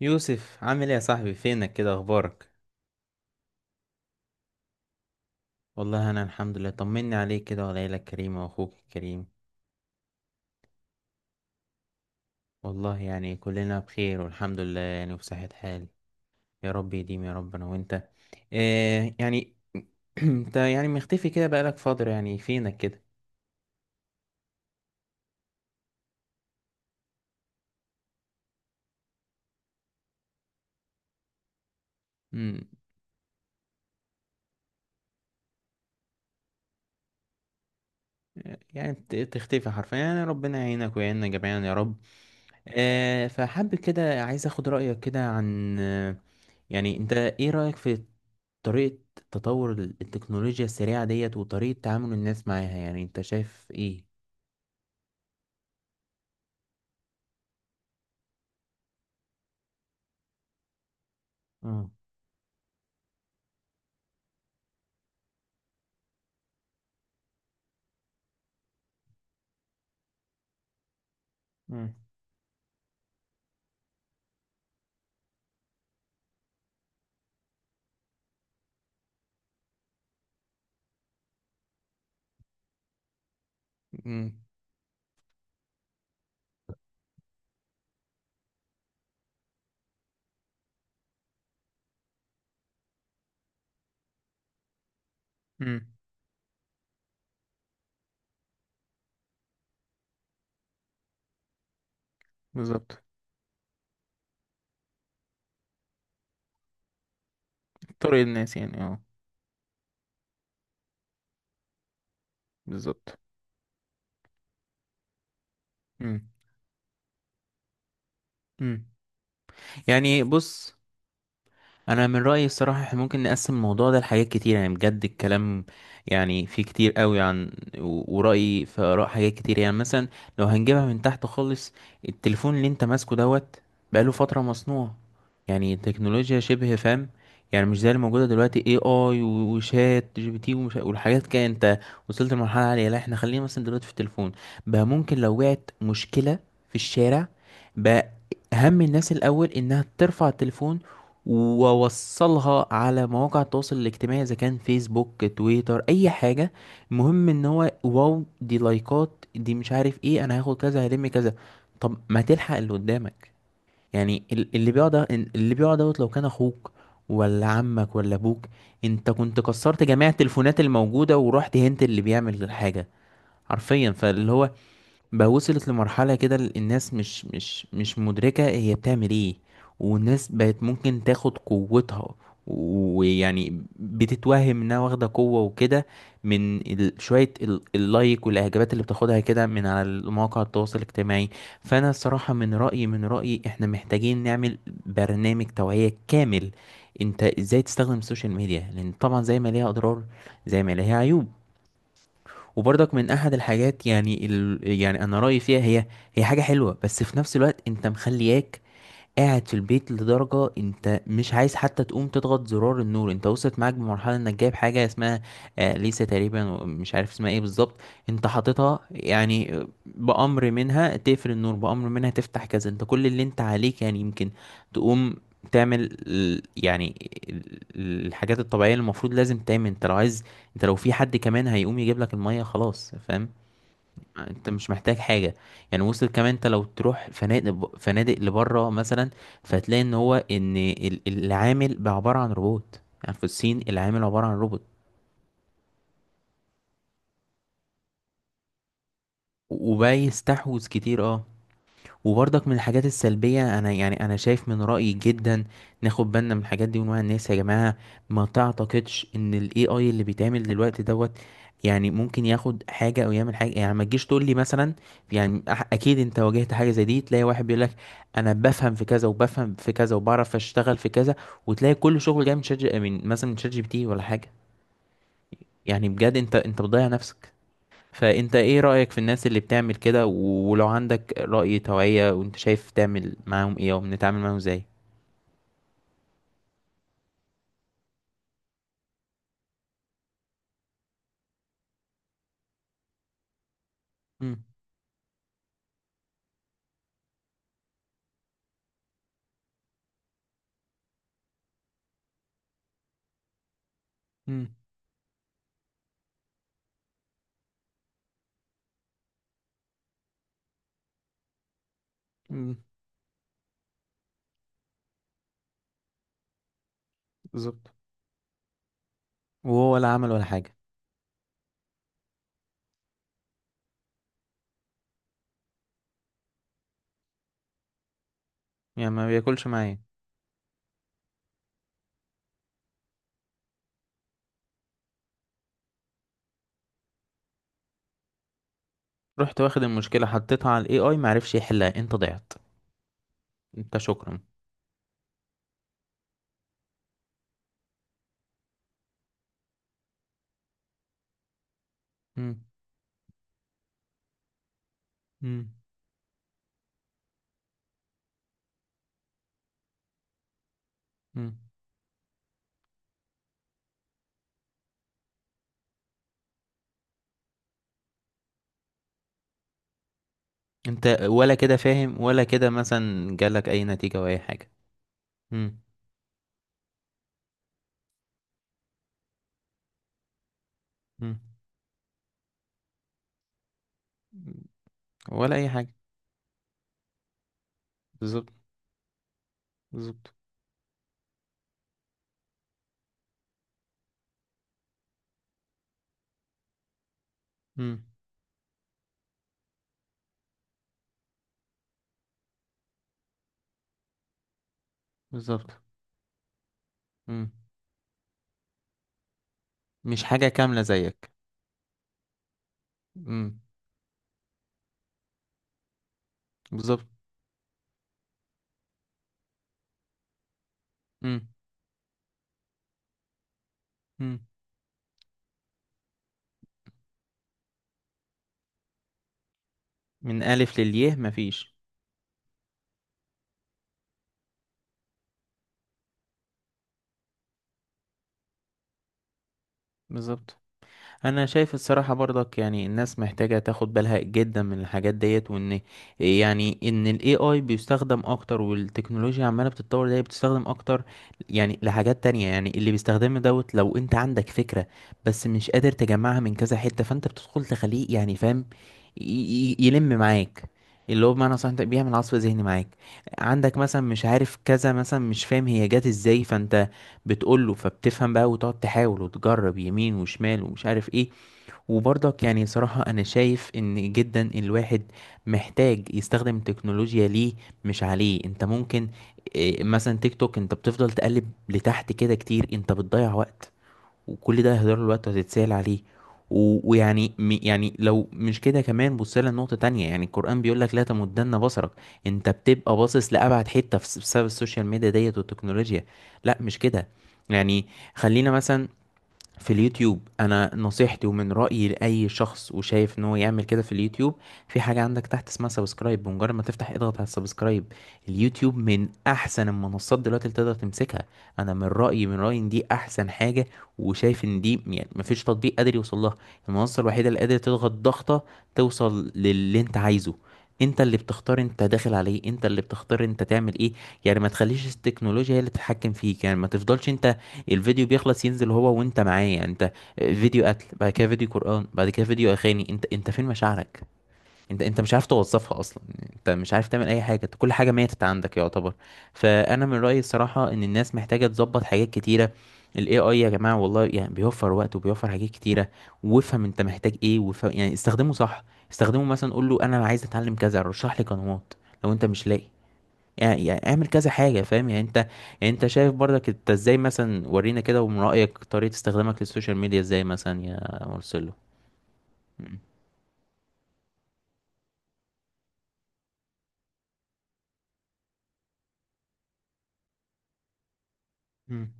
يوسف، عامل ايه يا صاحبي؟ فينك كده؟ اخبارك؟ والله انا الحمد لله، طمني عليك كده وعلى عيلة كريمة واخوك الكريم. والله كلنا بخير والحمد لله وبصحة حال. يا رب يديم يا رب انا وانت. إيه يعني؟ انت مختفي كده بقالك فترة، يعني فينك كده؟ امم يعني تختفي حرفيا، يعني ربنا يعينك ويعيننا جميعا يا رب. فحابب كده، عايز اخد رأيك كده عن يعني انت ايه رأيك في طريقة تطور التكنولوجيا السريعة ديت، وطريقة تعامل الناس معاها؟ يعني انت شايف ايه؟ اه. امم. امم. امم. بالظبط. طرق الناس، يعني اه بالظبط. امم. امم. يعني بص، انا من رايي الصراحه احنا ممكن نقسم الموضوع ده لحاجات كتير، يعني بجد الكلام يعني فيه كتير قوي عن ورايي في اراء حاجات كتير. يعني مثلا لو هنجيبها من تحت خالص، التليفون اللي انت ماسكه دوت بقاله فتره مصنوع، يعني التكنولوجيا شبه فاهم، يعني مش زي اللي موجوده دلوقتي اي اي وشات جي بي تي والحاجات كده. انت وصلت لمرحله عاليه. لا احنا خلينا مثلا دلوقتي في التليفون، بقى ممكن لو وقعت مشكله في الشارع، بقى اهم الناس الاول انها ترفع التليفون واوصلها على مواقع التواصل الاجتماعي، اذا كان فيسبوك تويتر اي حاجه، المهم ان هو واو دي لايكات دي مش عارف ايه، انا هاخد كذا هلم كذا. طب ما تلحق اللي قدامك؟ يعني اللي بيقعد، اللي بيقعد دوت، لو كان اخوك ولا عمك ولا ابوك، انت كنت كسرت جميع التليفونات الموجوده ورحت هنت اللي بيعمل الحاجه حرفيا. فاللي هو بقى وصلت لمرحلة كده الناس مش مدركة هي بتعمل ايه. والناس بقت ممكن تاخد قوتها، ويعني بتتوهم انها واخدة قوة وكده، من شوية اللايك والاعجابات اللي بتاخدها كده من على مواقع التواصل الاجتماعي. فانا الصراحة من رأيي احنا محتاجين نعمل برنامج توعية كامل، انت ازاي تستخدم السوشيال ميديا، لان طبعا زي ما ليها اضرار زي ما ليها عيوب. وبرضك من احد الحاجات يعني انا رايي فيها، هي هي حاجه حلوه، بس في نفس الوقت انت مخلياك قاعد في البيت لدرجة انت مش عايز حتى تقوم تضغط زرار النور. انت وصلت معاك بمرحلة انك جايب حاجة اسمها ليسا تقريبا، مش عارف اسمها ايه بالظبط، انت حاططها، يعني بأمر منها تقفل النور، بأمر منها تفتح كذا. انت كل اللي انت عليك يعني يمكن تقوم تعمل الحاجات الطبيعية اللي المفروض لازم تعمل انت لو عايز. انت لو في حد كمان هيقوم يجيب لك المية، خلاص فاهم، انت مش محتاج حاجه. يعني وصل كمان انت لو تروح فنادق فنادق لبره مثلا، فهتلاقي ان هو ان العامل بقى عباره عن روبوت. يعني في الصين العامل عباره عن روبوت. وبقى يستحوذ كتير اه. وبرضك من الحاجات السلبية، أنا أنا شايف من رأيي جدا ناخد بالنا من الحاجات دي ونوعي الناس يا جماعة. ما تعتقدش إن ال AI اللي بيتعمل دلوقتي دوت يعني ممكن ياخد حاجة أو يعمل حاجة. يعني ما تجيش تقول لي مثلا، يعني أكيد أنت واجهت حاجة زي دي، تلاقي واحد بيقول لك أنا بفهم في كذا وبفهم في كذا وبعرف أشتغل في كذا، وتلاقي كل شغل جاي من شات جي- من مثلا من شات جي بي تي ولا حاجة. يعني بجد أنت بتضيع نفسك. فانت ايه رأيك في الناس اللي بتعمل كده؟ ولو عندك رأي توعية وانت شايف، تعمل معاهم ايه او بنتعامل معاهم ازاي؟ مم. مم. مم. بالظبط. وهو ولا عمل ولا حاجة. يعني ما بياكلش معايا. رحت واخد المشكلة حطيتها على الاي اي، معرفش يحلها، انت ضيعت. انت شكرا. مم. مم. مم. انت ولا كده فاهم ولا كده مثلا جالك اي نتيجة او اي حاجة. مم. مم. ولا اي حاجة. بالظبط. بالظبط. مم. بالظبط. مم. مش حاجة كاملة زيك. امم. بالظبط. امم. امم. من ألف للياء مفيش. بالظبط. انا شايف الصراحه برضك، يعني الناس محتاجه تاخد بالها جدا من الحاجات ديت. وان يعني ان الاي اي بيستخدم اكتر والتكنولوجيا عماله بتتطور دي بتستخدم اكتر يعني لحاجات تانية. يعني اللي بيستخدمه دوت لو انت عندك فكره بس مش قادر تجمعها من كذا حته، فانت بتدخل تخليه يعني فاهم، ي- يلم معاك، اللي هو بمعنى صح انت بيعمل عصف ذهني معاك. عندك مثلا مش عارف كذا، مثلا مش فاهم هي جت ازاي، فانت بتقول له، فبتفهم بقى، وتقعد تحاول وتجرب يمين وشمال ومش عارف ايه. وبرضك يعني صراحة أنا شايف إن جدا الواحد محتاج يستخدم التكنولوجيا ليه مش عليه. أنت ممكن مثلا تيك توك أنت بتفضل تقلب لتحت كده كتير، أنت بتضيع وقت، وكل ده هيهدر له الوقت وهتتسال عليه. ويعني يعني لو مش كده كمان، بص لها نقطة تانية، يعني القرآن بيقول لك لا تمدن بصرك. انت بتبقى باصص لأبعد حتة بسبب السوشيال ميديا ديت والتكنولوجيا. لا مش كده. يعني خلينا مثلا في اليوتيوب، انا نصيحتي ومن رأيي لأي شخص وشايف ان هو يعمل كده في اليوتيوب، في حاجة عندك تحت اسمها سبسكرايب، بمجرد ما تفتح اضغط على السبسكرايب. اليوتيوب من احسن المنصات دلوقتي اللي تقدر تمسكها. انا من رأيي ان دي احسن حاجة، وشايف ان دي يعني مفيش تطبيق قادر يوصل لها. المنصة الوحيدة اللي قادرة تضغط ضغطة توصل للي انت عايزه. انت اللي بتختار انت داخل عليه، انت اللي بتختار انت تعمل ايه. يعني ما تخليش التكنولوجيا هي اللي تتحكم فيك. يعني ما تفضلش انت الفيديو بيخلص ينزل هو وانت معايا، انت فيديو قتل، بعد كده فيديو قرآن، بعد كده فيديو اغاني. انت فين مشاعرك؟ انت مش عارف توظفها اصلا. انت مش عارف تعمل اي حاجه، انت كل حاجه ماتت عندك يعتبر. فانا من رايي الصراحه ان الناس محتاجه تظبط حاجات كتيره. الاي اي يا جماعه والله يعني بيوفر وقت وبيوفر حاجات كتيره، وافهم انت محتاج ايه، وافهم يعني استخدمه صح. استخدمه مثلا، قول له انا عايز اتعلم كذا رشح لي قنوات لو انت مش لاقي، يعني يعني اعمل كذا حاجة فاهم يعني انت. يعني انت شايف برضك انت ازاي مثلا؟ ورينا كده ومن رأيك طريقة استخدامك للسوشيال ميديا ازاي مثلا يا مرسلو؟ مم. مم.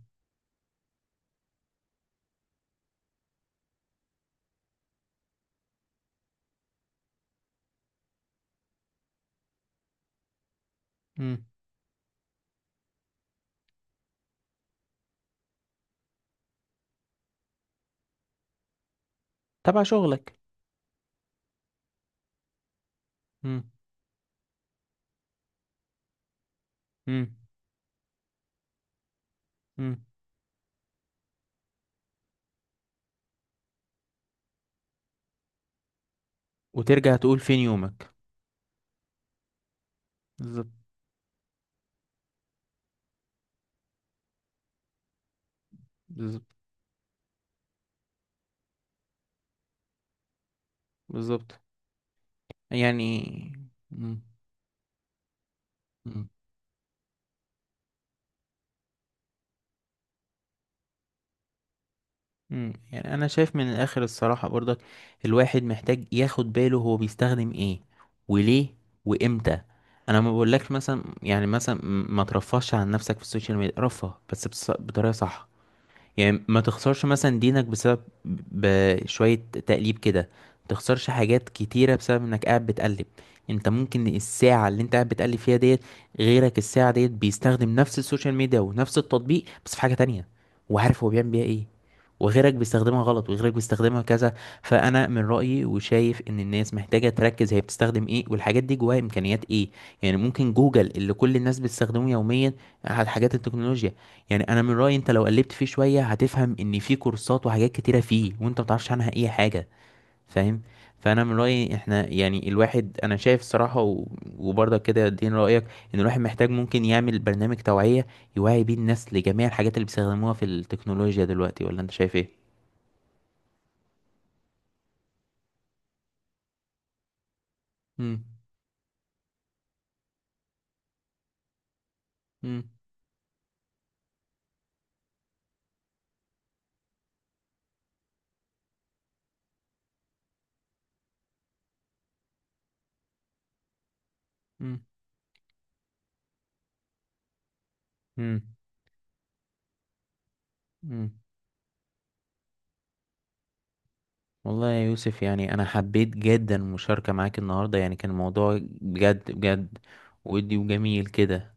مم. تبع شغلك. مم. مم. مم. وترجع تقول فين يومك. بالظبط. بالظبط. بالظبط. يعني مم. مم. مم. يعني انا شايف من الاخر الصراحة برضك، الواحد محتاج ياخد باله هو بيستخدم ايه وليه وامتى. انا ما بقولكش مثلا يعني ما ترفهش عن نفسك في السوشيال ميديا، رفه بس بطريقة صح. يعني ما تخسرش مثلا دينك بسبب بشوية تقليب كده، ما تخسرش حاجات كتيرة بسبب انك قاعد بتقلب. انت ممكن الساعة اللي انت قاعد بتقلب فيها ديت، غيرك الساعة ديت بيستخدم نفس السوشيال ميديا ونفس التطبيق بس في حاجة تانية، وعارف هو بيعمل بيها ايه. وغيرك بيستخدمها غلط، وغيرك بيستخدمها كذا. فانا من رأيي وشايف ان الناس محتاجة تركز هي بتستخدم ايه، والحاجات دي جواها امكانيات ايه. يعني ممكن جوجل اللي كل الناس بتستخدمه يوميا، على حاجات التكنولوجيا، يعني انا من رايي انت لو قلبت فيه شويه هتفهم ان في كورسات وحاجات كتيره فيه وانت متعرفش عنها اي حاجه، فاهم. فانا من رايي احنا يعني الواحد، انا شايف الصراحه وبرضك كده ادين رايك، ان الواحد محتاج ممكن يعمل برنامج توعيه يوعي بيه الناس لجميع الحاجات اللي بيستخدموها في التكنولوجيا دلوقتي، ولا انت شايف ايه؟ مم. مم. مم. مم. مم. والله يا يوسف يعني انا حبيت جدا المشاركه معاك النهارده، يعني كان الموضوع بجد بجد ودي وجميل كده.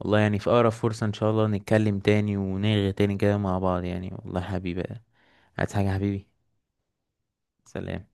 والله يعني في أقرب فرصة إن شاء الله نتكلم تاني ونرغي تاني كده مع بعض، يعني والله حبيبي. عايز حاجة يا حبيبي؟ سلام.